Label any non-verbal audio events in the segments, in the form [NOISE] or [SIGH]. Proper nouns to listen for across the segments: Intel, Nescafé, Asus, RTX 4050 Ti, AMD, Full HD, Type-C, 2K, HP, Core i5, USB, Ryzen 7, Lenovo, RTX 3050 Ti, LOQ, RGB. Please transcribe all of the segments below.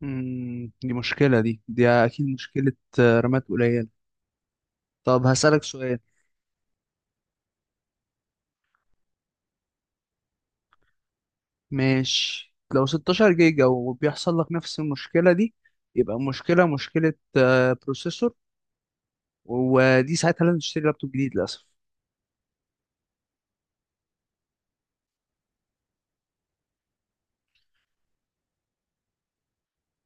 دي مشكلة دي أكيد مشكلة. رامات قليلة. طب هسألك سؤال. ماشي، لو 16 جيجا وبيحصل لك نفس المشكلة دي يبقى المشكلة مشكلة بروسيسور، ودي ساعتها لازم تشتري لابتوب جديد للأسف.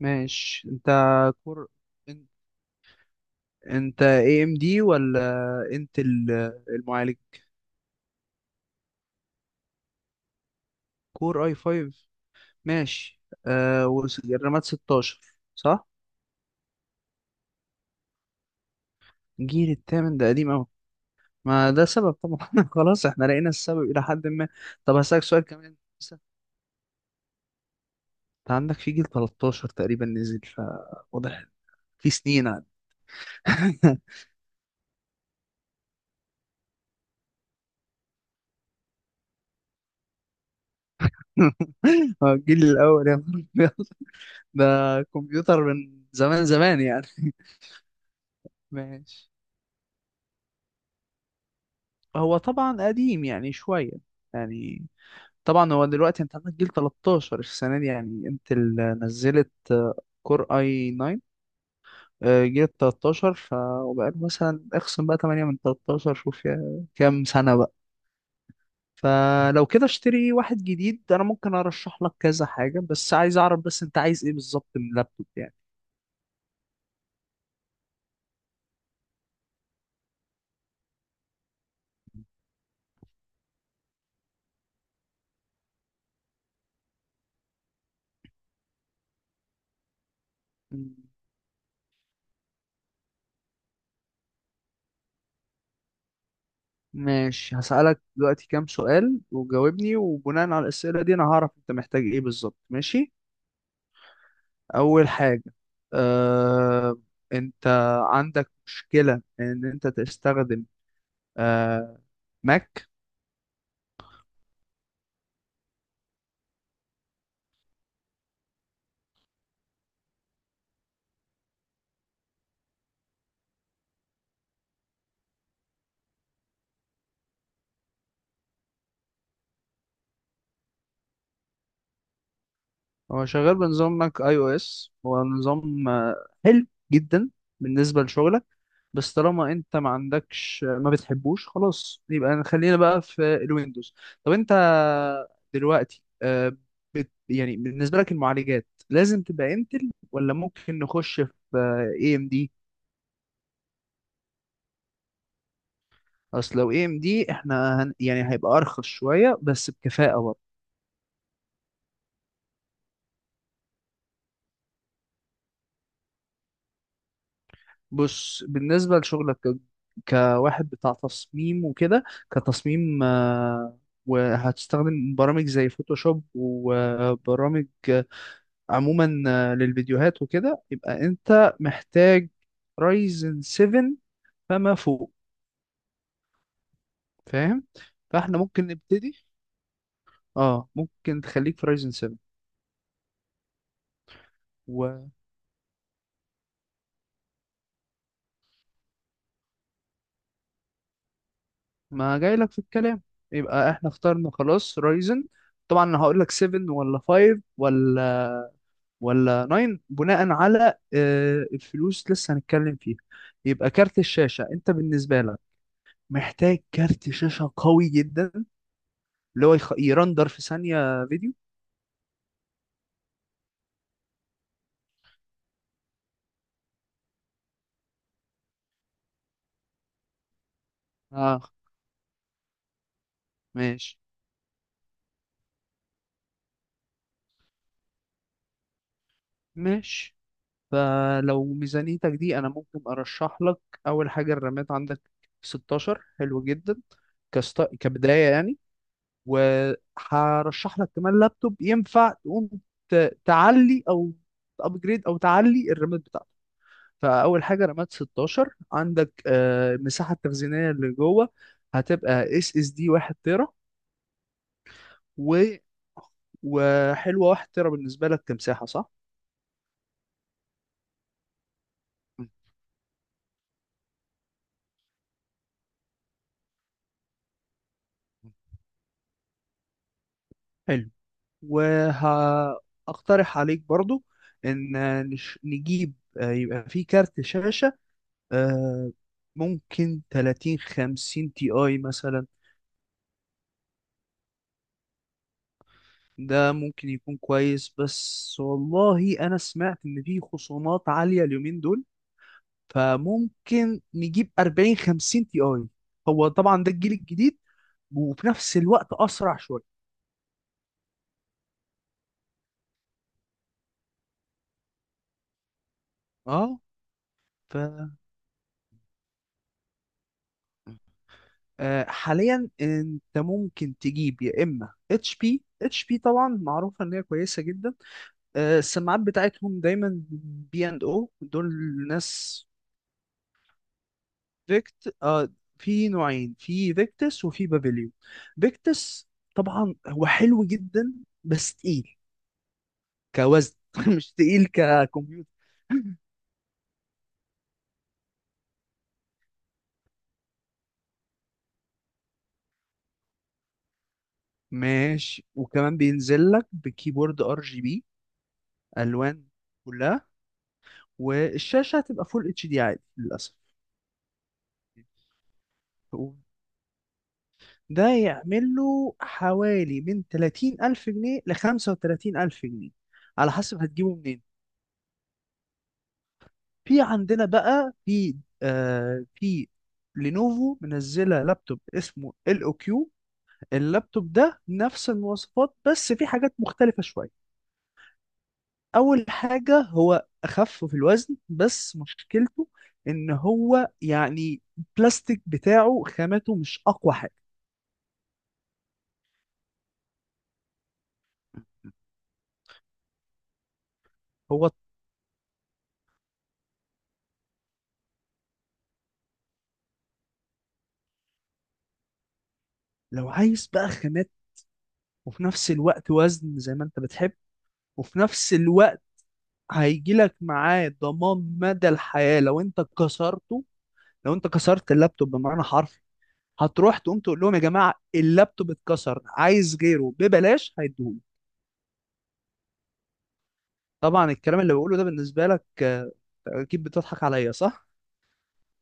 ماشي، أنت كور إن- أنت اي ام دي ولا انتل؟ المعالج كور اي 5. ماشي. والرامات 16 صح؟ جيل التامن ده قديم، ما ده سبب طبعا. [LAUGHS] خلاص احنا لقينا السبب الى حد ما. طب هسألك سؤال كمان لسه. انت عندك في جيل 13 تقريبا نزل، فواضح في سنين عاد. [LAUGHS] هو الجيل الاول يا نهار أبيض. [LAUGHS] ده كمبيوتر من زمان زمان يعني. [LAUGHS] ماشي، هو طبعا قديم يعني شوية يعني. طبعا هو دلوقتي انت عندك جيل 13 السنة دي يعني انت اللي نزلت، كور اي 9. جيل 13 وبقى مثلا اخصم بقى 8 من 13، شوف كام سنة بقى. فلو كده اشتري واحد جديد. انا ممكن ارشح لك كذا حاجة، بس عايز اعرف بس انت عايز ايه بالظبط من اللابتوب يعني. مم. ماشي، هسألك دلوقتي كام سؤال وجاوبني، وبناء على الأسئلة دي انا هعرف انت محتاج ايه بالظبط، ماشي. اول حاجة، أه... انت عندك مشكلة ان انت تستخدم أه... ماك؟ هو شغال بنظام ماك اي او اس، هو نظام حلو جدا بالنسبة لشغلك، بس طالما انت ما عندكش ما بتحبوش خلاص يبقى خلينا بقى في الويندوز. طب انت دلوقتي بت يعني بالنسبة لك المعالجات لازم تبقى انتل ولا ممكن نخش في اي ام دي؟ اصل لو اي ام دي احنا هن يعني هيبقى ارخص شوية بس بكفاءة برضه. بص، بالنسبة لشغلك كواحد بتاع تصميم وكده، كتصميم وهتستخدم برامج زي فوتوشوب وبرامج عموما للفيديوهات وكده، يبقى انت محتاج رايزن 7 فما فوق. فاهم؟ فاحنا ممكن نبتدي. اه ممكن تخليك في رايزن 7 وما جايلك في الكلام. يبقى احنا اخترنا خلاص رايزن، طبعا انا هقول لك 7 ولا 5 ولا 9 بناء على الفلوس لسه هنتكلم فيها. يبقى كارت الشاشة، انت بالنسبة لك محتاج كارت شاشة قوي جدا، اللي هو يرندر في ثانية فيديو. اه. ماشي، ماشي. فلو ميزانيتك دي انا ممكن ارشح لك. اول حاجة الرامات عندك 16 حلو جدا، كبداية يعني. وهرشح لك كمان لابتوب ينفع تقوم ت... تعلي او ابجريد او تعلي الرامات. فاول حاجه رامات 16 عندك. المساحه التخزينيه اللي جوه هتبقى اس اس دي 1 تيرا. و وحلوه 1 تيرا بالنسبه لك كمساحه صح؟ مم. مم. حلو. وهقترح عليك برضو ان نجيب يبقى في كارت شاشة آه، ممكن 30 50 تي اي مثلا. ده ممكن يكون كويس، بس والله انا سمعت ان في خصومات عالية اليومين دول، فممكن نجيب 40 50 تي اي، هو طبعا ده الجيل الجديد وفي نفس الوقت اسرع شويه. اه، ف حاليا انت ممكن تجيب يا اما اتش بي. اتش بي طبعا معروفه ان هي كويسه جدا، السماعات بتاعتهم دايما بي اند او دول. ناس فيكت آه، في نوعين، في فيكتس وفي بافيليون. فيكتس طبعا هو حلو جدا بس تقيل، كوزن، [LAUGHS] مش تقيل ككمبيوتر. [LAUGHS] ماشي. وكمان بينزل لك بكيبورد ار جي بي، الوان كلها. والشاشه هتبقى فول اتش دي عادي للاسف. ده يعمل له حوالي من 30 ألف جنيه ل 35 ألف جنيه على حسب هتجيبه منين. في عندنا بقى في في لينوفو منزلة لابتوب اسمه ال او كيو. اللابتوب ده نفس المواصفات بس في حاجات مختلفة شوية. اول حاجه هو اخف في الوزن، بس مشكلته ان هو يعني البلاستيك بتاعه خامته مش اقوى حاجه. هو لو عايز بقى خامات وفي نفس الوقت وزن زي ما انت بتحب، وفي نفس الوقت هيجيلك معاه ضمان مدى الحياة لو انت كسرته. لو انت كسرت اللابتوب بمعنى حرفي، هتروح تقوم تقول لهم يا جماعة اللابتوب اتكسر عايز غيره ببلاش، هيديهولي. طبعا الكلام اللي بقوله ده بالنسبة لك اكيد بتضحك عليا صح؟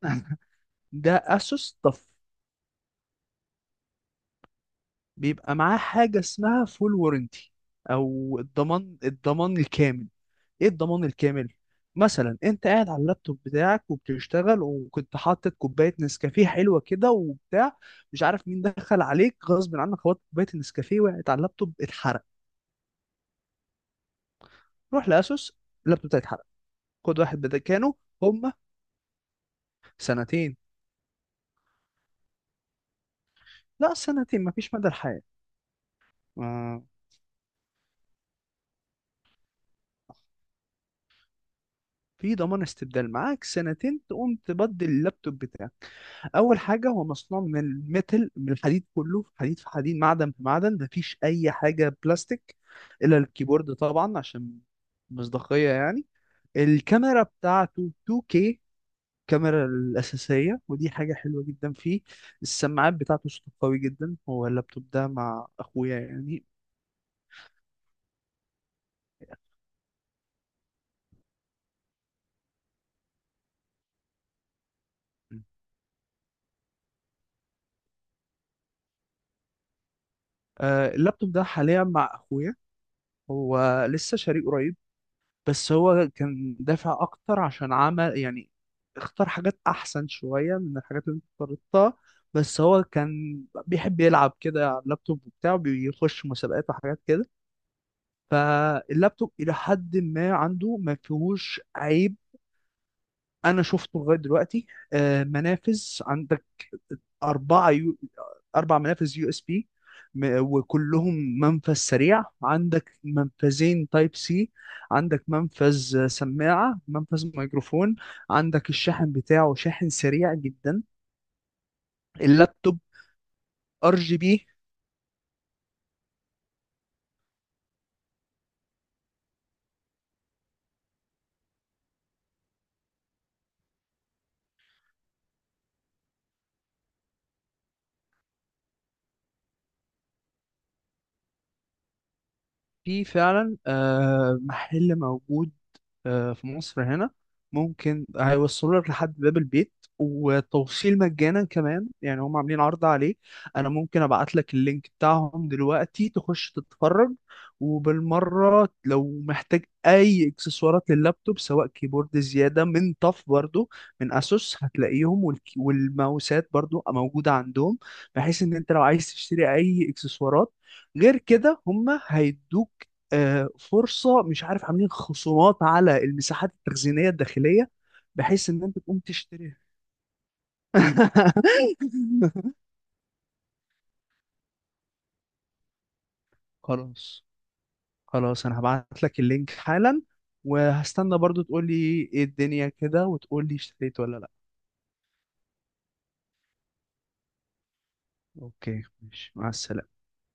[LAUGHS] ده اسوس طف. بيبقى معاه حاجه اسمها فول وورنتي او الضمان الكامل. ايه الضمان الكامل؟ مثلا انت قاعد على اللابتوب بتاعك وبتشتغل، وكنت حاطط كوبايه نسكافيه حلوه كده وبتاع، مش عارف مين دخل عليك غصب عنك خبطت كوبايه النسكافيه وقعت على اللابتوب اتحرق. روح لاسوس، اللابتوب بتاعي اتحرق، خد واحد بدل كانوا. هما سنتين. لا سنتين مفيش مدى الحياه. آه. في ضمان استبدال معاك سنتين تقوم تبدل اللابتوب بتاعك. اول حاجه هو مصنوع من الميتل، من الحديد، كله في حديد، في حديد معدن، في معدن، مفيش اي حاجه بلاستيك الا الكيبورد طبعا عشان مصداقيه يعني. الكاميرا بتاعته 2K، الكاميرا الأساسية، ودي حاجة حلوة جدا فيه. السماعات بتاعته صوته قوي جدا. هو اللابتوب ده مع أخويا يعني. اللابتوب ده حاليا مع أخويا، هو لسه شاريه قريب، بس هو كان دافع اكتر عشان عمل يعني اختار حاجات احسن شوية من الحاجات اللي انت اخترتها. بس هو كان بيحب يلعب كده على اللابتوب بتاعه، بيخش مسابقات وحاجات كده. فاللابتوب الى حد ما عنده ما فيهوش عيب انا شفته لغاية دلوقتي. منافذ، عند أربعة يو... أربع منافذ يو اس بي، وكلهم منفذ سريع. عندك منفذين تايب سي، عندك منفذ سماعة، منفذ ميكروفون. عندك الشاحن بتاعه شاحن سريع جدا. اللابتوب ار جي بي. فيه فعلا محل موجود في مصر هنا، ممكن هيوصلوا لك لحد باب البيت، والتوصيل مجانا كمان، يعني هم عاملين عرض عليه. انا ممكن ابعت لك اللينك بتاعهم دلوقتي تخش تتفرج. وبالمرة لو محتاج اي اكسسوارات لللابتوب، سواء كيبورد زيادة من طف برضو، من اسوس هتلاقيهم، والك- والماوسات برضو موجودة عندهم، بحيث ان انت لو عايز تشتري اي اكسسوارات غير كده هم هيدوك فرصه، مش عارف عاملين خصومات على المساحات التخزينيه الداخليه، بحيث ان انت تقوم تشتريها. [LAUGHS] خلاص، خلاص انا هبعت لك اللينك حالا، وهستنى برضو تقول لي ايه الدنيا كده، وتقول لي اشتريت ولا لا. اوكي ماشي، مع السلامه.